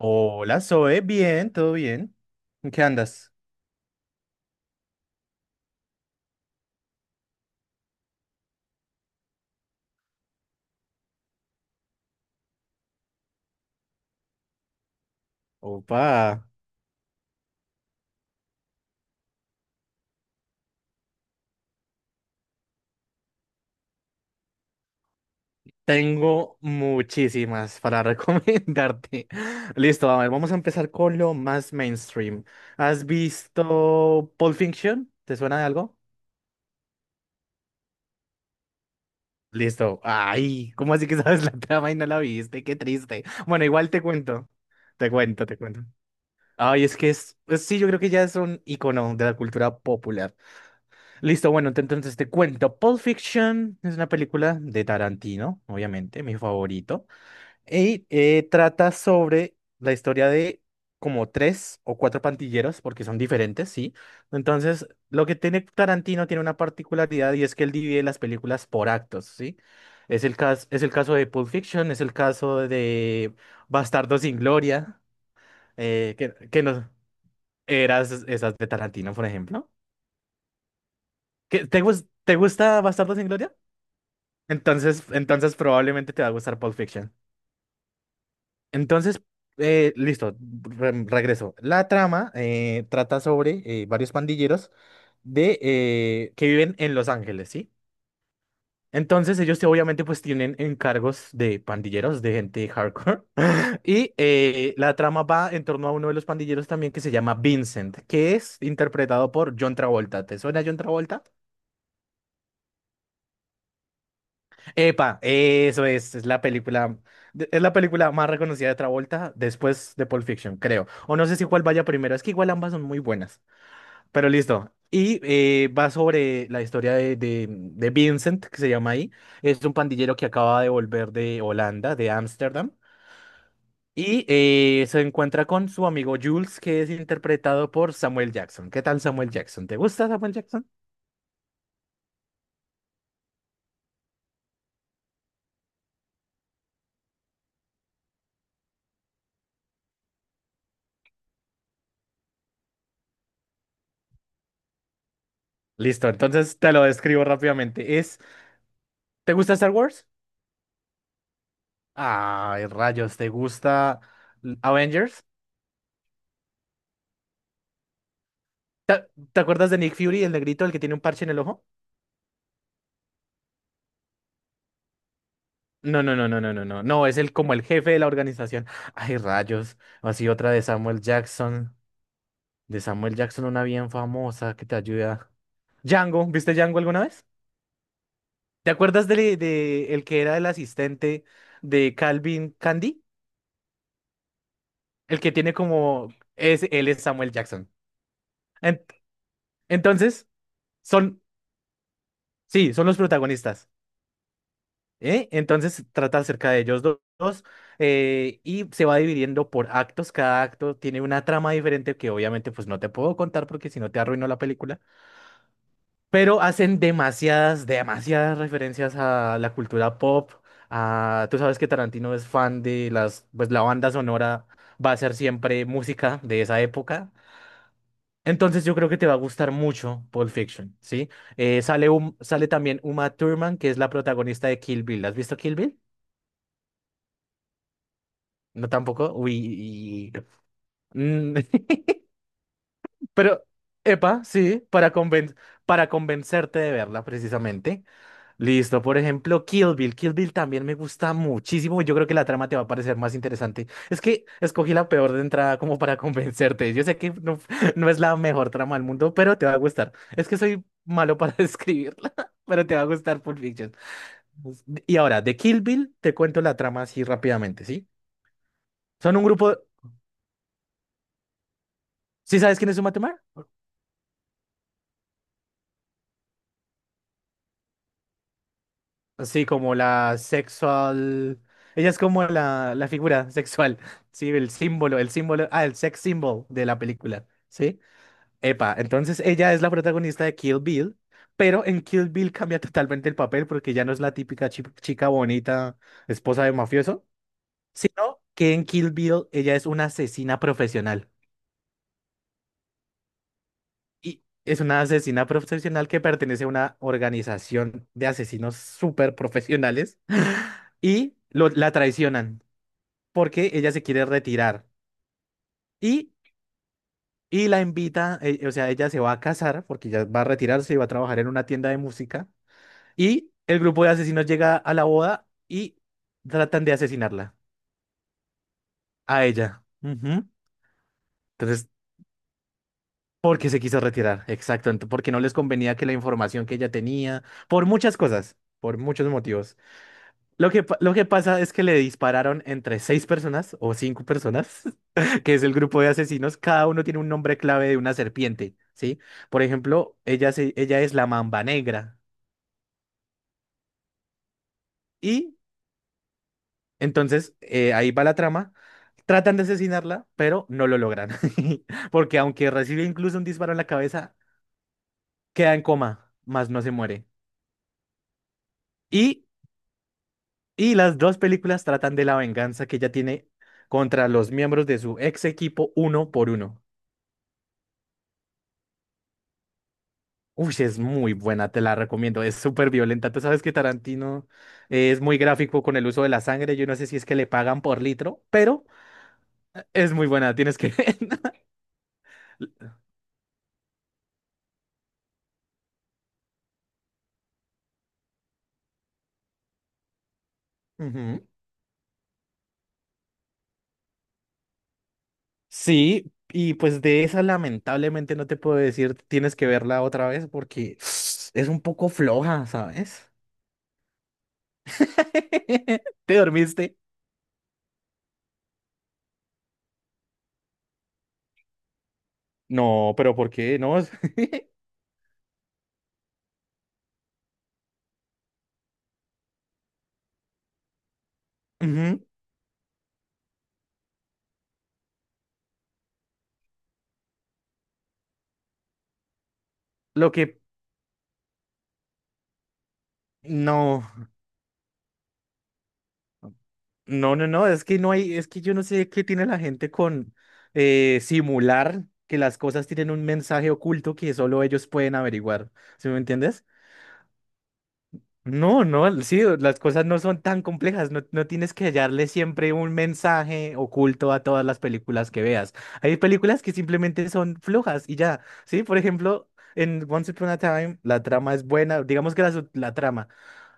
Hola, Zoe, bien, todo bien. ¿En qué andas? Opa, tengo muchísimas para recomendarte. Listo, a ver, vamos a empezar con lo más mainstream. ¿Has visto Pulp Fiction? ¿Te suena de algo? Listo. Ay, ¿cómo así que sabes la trama y no la viste? Qué triste. Bueno, igual te cuento. Te cuento, te cuento. Ay, es que es- sí, yo creo que ya es un icono de la cultura popular. Listo, bueno, entonces te cuento. Pulp Fiction es una película de Tarantino, obviamente, mi favorito. Y trata sobre la historia de como tres o cuatro pandilleros, porque son diferentes, ¿sí? Entonces, lo que tiene Tarantino tiene una particularidad y es que él divide las películas por actos, ¿sí? Es el caso de Pulp Fiction, es el caso de Bastardos sin Gloria, que no eras esas de Tarantino, por ejemplo. ¿Te gusta Bastardos sin Gloria? Entonces probablemente te va a gustar Pulp Fiction. Entonces, listo, regreso. La trama trata sobre varios pandilleros que viven en Los Ángeles, ¿sí? Entonces obviamente pues tienen encargos de pandilleros, de gente hardcore. Y la trama va en torno a uno de los pandilleros también que se llama Vincent, que es interpretado por John Travolta. ¿Te suena John Travolta? Epa, es la película, es la película más reconocida de Travolta después de Pulp Fiction, creo. O no sé si cuál vaya primero, es que igual ambas son muy buenas. Pero listo. Y va sobre la historia de Vincent, que se llama ahí. Es un pandillero que acaba de volver de Holanda, de Ámsterdam. Y se encuentra con su amigo Jules, que es interpretado por Samuel Jackson. ¿Qué tal Samuel Jackson? ¿Te gusta Samuel Jackson? Listo, entonces te lo describo rápidamente. Es, ¿te gusta Star Wars? Ay, rayos, ¿te gusta Avengers? ¿Te, te acuerdas de Nick Fury, el negrito, el que tiene un parche en el ojo? No, no, no, no, no, no, no. No, es el como el jefe de la organización. Ay, rayos. Así otra de Samuel Jackson. De Samuel Jackson, una bien famosa que te ayuda. Django, ¿viste Django alguna vez? ¿Te acuerdas de el que era el asistente de Calvin Candy? El que tiene como es Samuel Jackson. En- entonces, son sí, son los protagonistas. ¿Eh? Entonces trata acerca de ellos dos, y se va dividiendo por actos. Cada acto tiene una trama diferente que obviamente pues no te puedo contar porque si no te arruino la película. Pero hacen demasiadas referencias a la cultura pop. A, tú sabes que Tarantino es fan de las, pues la banda sonora va a ser siempre música de esa época. Entonces yo creo que te va a gustar mucho Pulp Fiction, ¿sí? Sale, sale también Uma Thurman, que es la protagonista de Kill Bill. ¿Has visto Kill Bill? No tampoco. Uy. mm, Pero, epa, sí, para convencerte de verla precisamente. Listo, por ejemplo, Kill Bill. Kill Bill también me gusta muchísimo. Y yo creo que la trama te va a parecer más interesante. Es que escogí la peor de entrada como para convencerte. Yo sé que no, no es la mejor trama del mundo, pero te va a gustar. Es que soy malo para describirla, pero te va a gustar Pulp Fiction. Pues, y ahora, de Kill Bill, te cuento la trama así rápidamente, ¿sí? Son un grupo. ¿Sí sabes quién es Uma? Sí, como la sexual. Ella es como la figura sexual, sí, el sex symbol de la película, ¿sí? Epa, entonces ella es la protagonista de Kill Bill, pero en Kill Bill cambia totalmente el papel porque ya no es la típica chica bonita, esposa de mafioso, sino que en Kill Bill ella es una asesina profesional. Y es una asesina profesional que pertenece a una organización de asesinos súper profesionales y la traicionan, porque ella se quiere retirar. Y, y la invita, o sea, ella se va a casar porque ya va a retirarse y va a trabajar en una tienda de música. Y el grupo de asesinos llega a la boda y tratan de asesinarla a ella. Ujú. Entonces, porque se quiso retirar, exacto, porque no les convenía que la información que ella tenía, por muchas cosas, por muchos motivos. Lo que, lo que pasa es que le dispararon entre seis personas o cinco personas, que es el grupo de asesinos. Cada uno tiene un nombre clave de una serpiente, ¿sí? Por ejemplo, ella es la mamba negra. Y entonces ahí va la trama. Tratan de asesinarla, pero no lo logran. Porque aunque recibe incluso un disparo en la cabeza, queda en coma, más no se muere. Y, y las dos películas tratan de la venganza que ella tiene contra los miembros de su ex equipo uno por uno. Uy, sí, es muy buena, te la recomiendo. Es súper violenta. Tú sabes que Tarantino es muy gráfico con el uso de la sangre. Yo no sé si es que le pagan por litro, pero es muy buena. Tienes que. Ujú. Sí, y pues de esa lamentablemente no te puedo decir, tienes que verla otra vez porque es un poco floja, ¿sabes? ¿Te dormiste? No, pero ¿por qué? No. Ujú. Lo que. No. No, no, no, es que no hay, es que yo no sé qué tiene la gente con simular que las cosas tienen un mensaje oculto que solo ellos pueden averiguar. ¿Sí me entiendes? No, no, sí, las cosas no son tan complejas, no, no tienes que hallarle siempre un mensaje oculto a todas las películas que veas. Hay películas que simplemente son flojas y ya, ¿sí? Por ejemplo, en Once Upon a Time la trama es buena, digamos que la, la trama.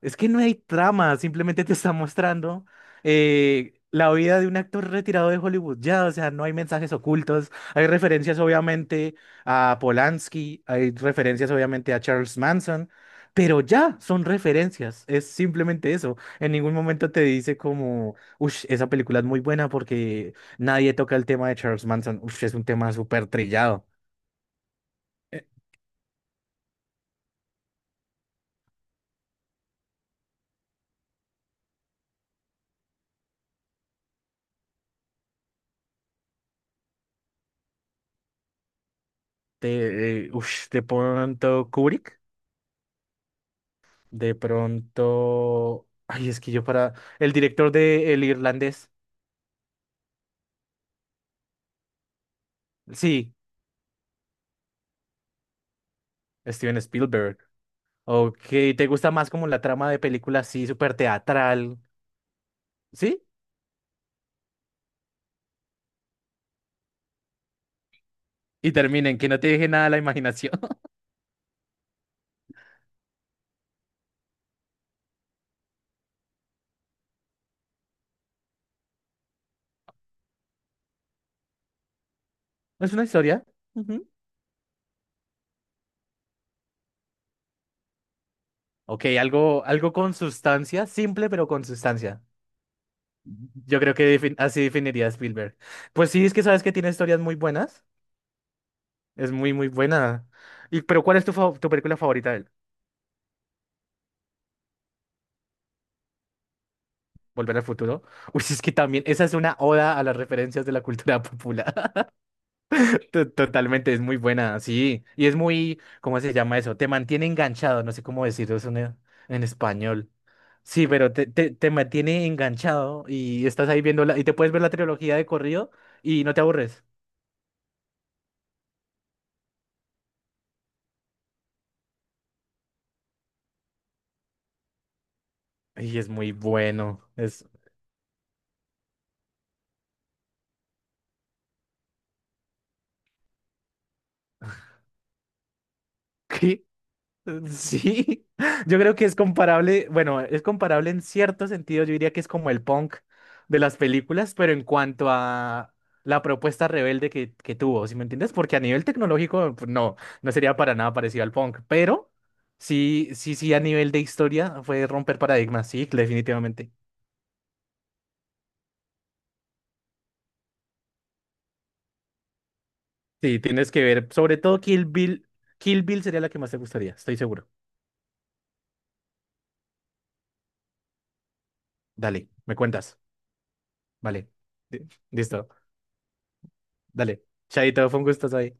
Es que no hay trama, simplemente te está mostrando la vida de un actor retirado de Hollywood. Ya, o sea, no hay mensajes ocultos. Hay referencias, obviamente, a Polanski, hay referencias, obviamente, a Charles Manson, pero ya son referencias. Es simplemente eso. En ningún momento te dice como, uff, esa película es muy buena porque nadie toca el tema de Charles Manson. Uff, es un tema súper trillado. Eh, Te, te pronto Kubrick. De pronto. Ay, es que yo para. El director de El Irlandés. Sí, Steven Spielberg. Ok, ¿te gusta más como la trama de película así, súper teatral? ¿Sí? Y terminen, que no te deje nada a la imaginación. Es una historia. Ujú. Ok, algo, algo con sustancia, simple pero con sustancia. Yo creo que así definiría a Spielberg. Pues sí, es que sabes que tiene historias muy buenas. Es muy, muy buena. Y, pero ¿cuál es tu, tu película favorita de él? Volver al futuro. Uy, es que también, esa es una oda a las referencias de la cultura popular. Totalmente, es muy buena, sí. Y es muy, ¿cómo se llama eso? Te mantiene enganchado, no sé cómo decirlo eso en español. Sí, pero te mantiene enganchado y estás ahí viendo la, y te puedes ver la trilogía de corrido y no te aburres. Y es muy bueno. Es, Sí, yo creo que es comparable, bueno, es comparable en cierto sentido, yo diría que es como el punk de las películas, pero en cuanto a la propuesta rebelde que tuvo, ¿sí me entiendes? Porque a nivel tecnológico, pues, no, no sería para nada parecido al punk, pero sí, sí, sí, a nivel de historia fue romper paradigmas, sí, definitivamente. Sí, tienes que ver, sobre todo Kill Bill, Kill Bill sería la que más te gustaría, estoy seguro. Dale, me cuentas, vale, listo, dale, Chaito, fue un gusto ahí.